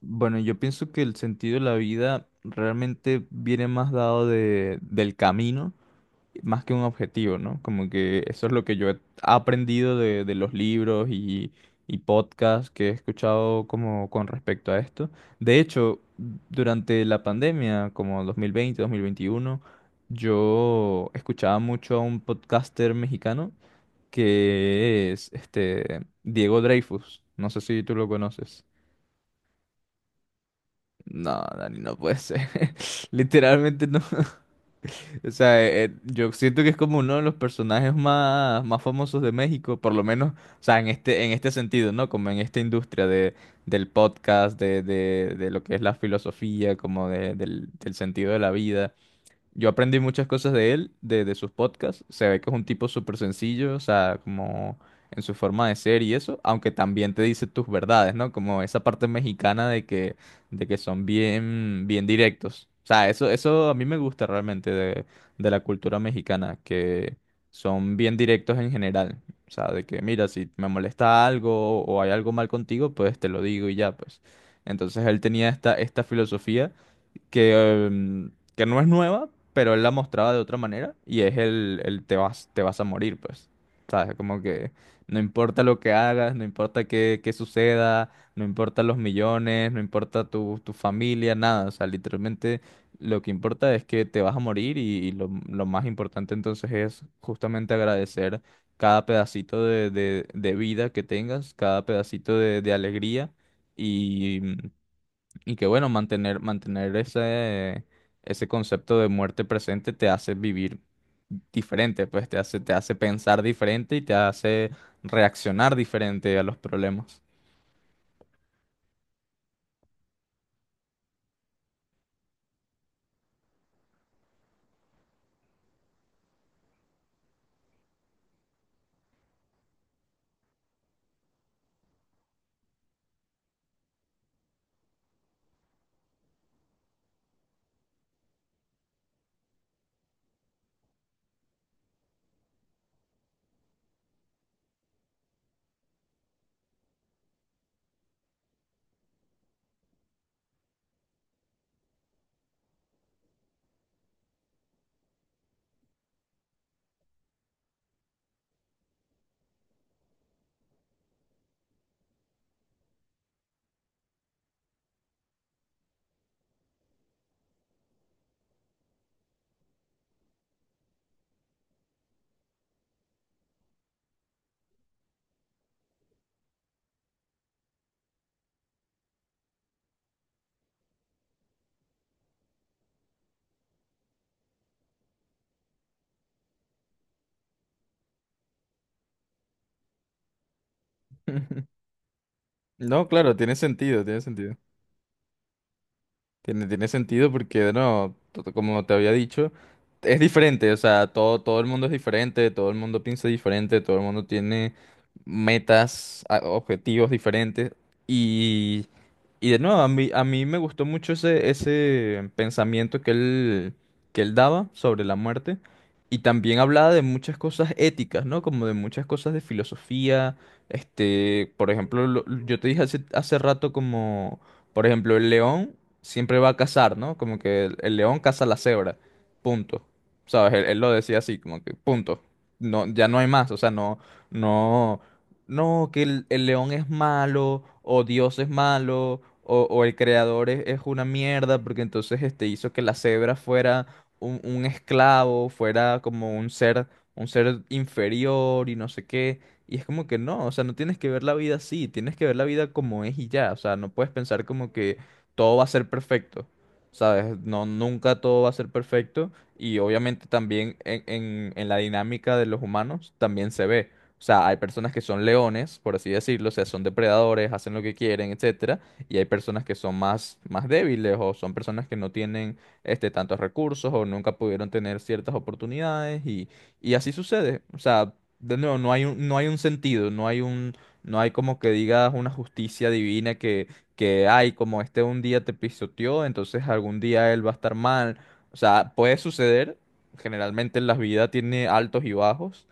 Bueno, yo pienso que el sentido de la vida realmente viene más dado del camino, más que un objetivo, ¿no? Como que eso es lo que yo he aprendido de los libros y podcasts que he escuchado como con respecto a esto. De hecho, durante la pandemia, como 2020, 2021, yo escuchaba mucho a un podcaster mexicano que es este Diego Dreyfus. No sé si tú lo conoces. No, Dani, no puede ser. Literalmente no. O sea, yo siento que es como uno de los personajes más famosos de México, por lo menos, o sea, en este sentido, ¿no? Como en esta industria del podcast, de lo que es la filosofía, como del sentido de la vida. Yo aprendí muchas cosas de él, de sus podcasts. Se ve que es un tipo súper sencillo, o sea, como en su forma de ser y eso, aunque también te dice tus verdades, ¿no? Como esa parte mexicana de que son bien directos. O sea, eso a mí me gusta realmente de la cultura mexicana, que son bien directos en general. O sea, de que, mira, si me molesta algo o hay algo mal contigo, pues te lo digo y ya, pues. Entonces él tenía esta filosofía que, que no es nueva, pero él la mostraba de otra manera y es el te vas a morir, pues. ¿Sabes? Como que no importa lo que hagas, no importa qué suceda, no importa los millones, no importa tu familia, nada. O sea, literalmente lo que importa es que te vas a morir y lo más importante entonces es justamente agradecer cada pedacito de vida que tengas, cada pedacito de alegría. Y y que bueno, mantener ese concepto de muerte presente te hace vivir diferente, pues te hace pensar diferente y te hace reaccionar diferente a los problemas. No, claro, tiene sentido, tiene sentido. Tiene, tiene sentido porque, no, como te había dicho, es diferente, o sea, todo, todo el mundo es diferente, todo el mundo piensa diferente, todo el mundo tiene metas, objetivos diferentes y... Y de nuevo, a mí me gustó mucho ese pensamiento que él daba sobre la muerte. Y también hablaba de muchas cosas éticas, ¿no? Como de muchas cosas de filosofía. Este, por ejemplo, yo te dije hace, hace rato como, por ejemplo, el león siempre va a cazar, ¿no? Como que el león caza la cebra. Punto. ¿Sabes? Él lo decía así, como que punto. No, ya no hay más. O sea, no no, que el león es malo, o Dios es malo, o el creador es una mierda, porque entonces este hizo que la cebra fuera un esclavo, fuera como un ser inferior y no sé qué. Y es como que no, o sea, no tienes que ver la vida así, tienes que ver la vida como es y ya. O sea, no puedes pensar como que todo va a ser perfecto. ¿Sabes? No, nunca todo va a ser perfecto. Y obviamente también en la dinámica de los humanos también se ve. O sea, hay personas que son leones, por así decirlo, o sea, son depredadores, hacen lo que quieren, etcétera, y hay personas que son más débiles o son personas que no tienen este, tantos recursos o nunca pudieron tener ciertas oportunidades y así sucede. O sea, de nuevo, no hay un, no hay un sentido, no hay un, no hay como que digas una justicia divina que hay, como este un día te pisoteó, entonces algún día él va a estar mal. O sea, puede suceder, generalmente en la vida tiene altos y bajos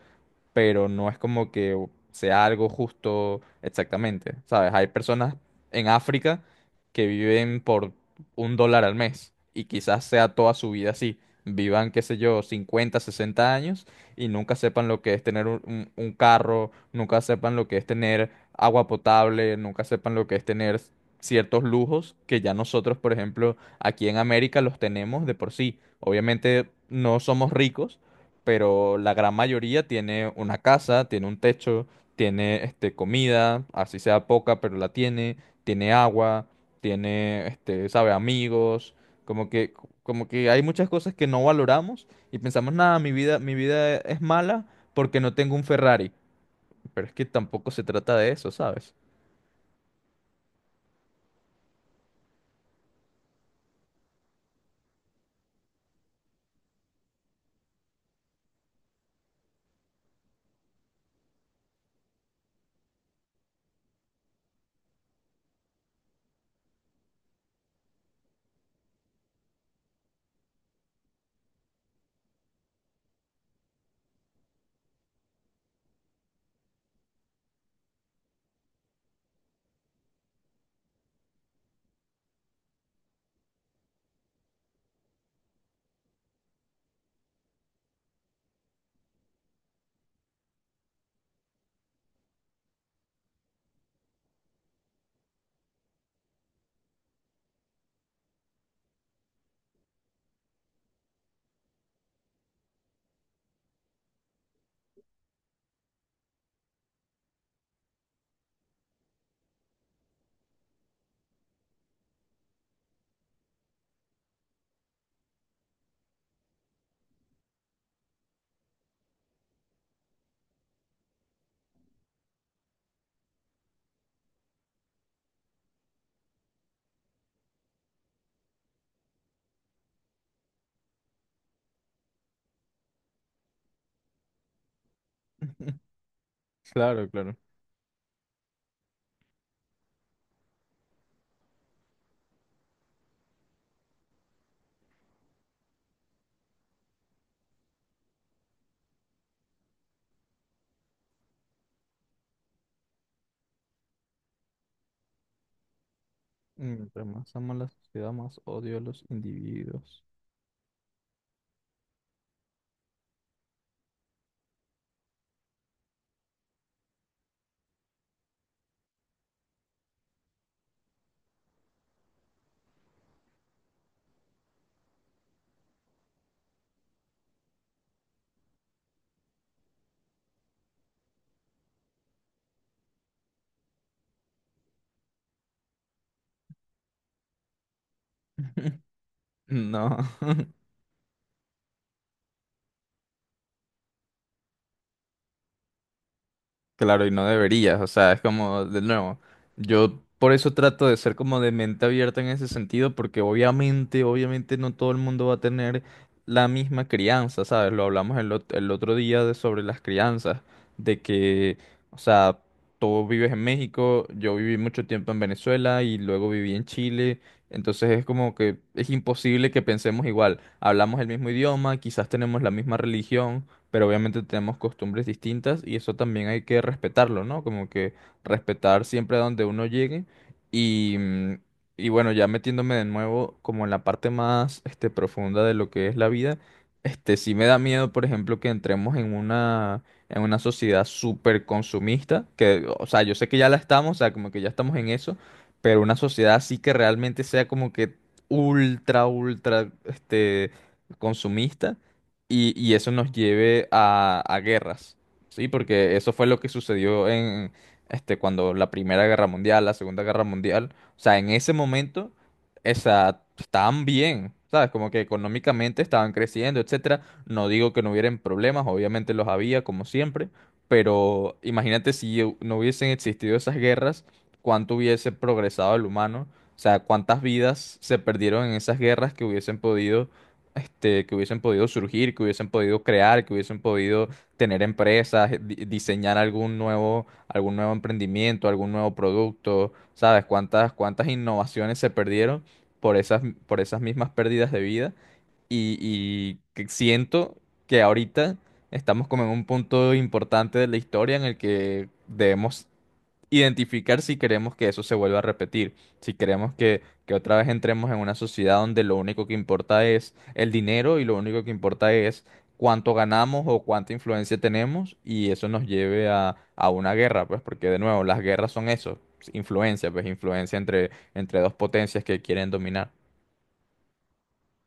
pero no es como que sea algo justo exactamente, ¿sabes? Hay personas en África que viven por un dólar al mes y quizás sea toda su vida así. Vivan, qué sé yo, 50, 60 años y nunca sepan lo que es tener un, un carro, nunca sepan lo que es tener agua potable, nunca sepan lo que es tener ciertos lujos que ya nosotros, por ejemplo, aquí en América los tenemos de por sí. Obviamente no somos ricos, pero la gran mayoría tiene una casa, tiene un techo, tiene este, comida, así sea poca, pero la tiene, tiene agua, tiene, este, sabe, amigos, como que, como que hay muchas cosas que no valoramos y pensamos, nada, mi vida es mala porque no tengo un Ferrari, pero es que tampoco se trata de eso, ¿sabes? Claro, claro. Mientras más amo la sociedad, más odio a los individuos. No. Claro, y no deberías, o sea, es como, de nuevo, yo por eso trato de ser como de mente abierta en ese sentido, porque obviamente, obviamente no todo el mundo va a tener la misma crianza, ¿sabes? Lo hablamos el otro día de sobre las crianzas, de que, o sea, tú vives en México, yo viví mucho tiempo en Venezuela y luego viví en Chile, entonces es como que es imposible que pensemos igual, hablamos el mismo idioma, quizás tenemos la misma religión pero obviamente tenemos costumbres distintas y eso también hay que respetarlo, ¿no? Como que respetar siempre a donde uno llegue y, y bueno, ya metiéndome de nuevo como en la parte más este, profunda de lo que es la vida, este sí me da miedo, por ejemplo, que entremos en una sociedad súper consumista, que, o sea, yo sé que ya la estamos, o sea, como que ya estamos en eso, pero una sociedad así que realmente sea como que ultra, este, consumista y eso nos lleve a guerras, ¿sí? Porque eso fue lo que sucedió en, este, cuando la Primera Guerra Mundial, la Segunda Guerra Mundial, o sea, en ese momento, esa, estaban bien, ¿sabes? Como que económicamente estaban creciendo, etcétera. No digo que no hubieran problemas, obviamente los había, como siempre, pero imagínate si no hubiesen existido esas guerras, cuánto hubiese progresado el humano, o sea, cuántas vidas se perdieron en esas guerras que hubiesen podido este, que hubiesen podido surgir, que hubiesen podido crear, que hubiesen podido tener empresas, diseñar algún nuevo emprendimiento, algún nuevo producto, ¿sabes? Cuántas, cuántas innovaciones se perdieron por esas, por esas mismas pérdidas de vida. Y que siento que ahorita estamos como en un punto importante de la historia en el que debemos identificar si queremos que eso se vuelva a repetir, si queremos que otra vez entremos en una sociedad donde lo único que importa es el dinero y lo único que importa es cuánto ganamos o cuánta influencia tenemos y eso nos lleve a una guerra, pues porque de nuevo, las guerras son eso, influencia, pues influencia entre, entre dos potencias que quieren dominar.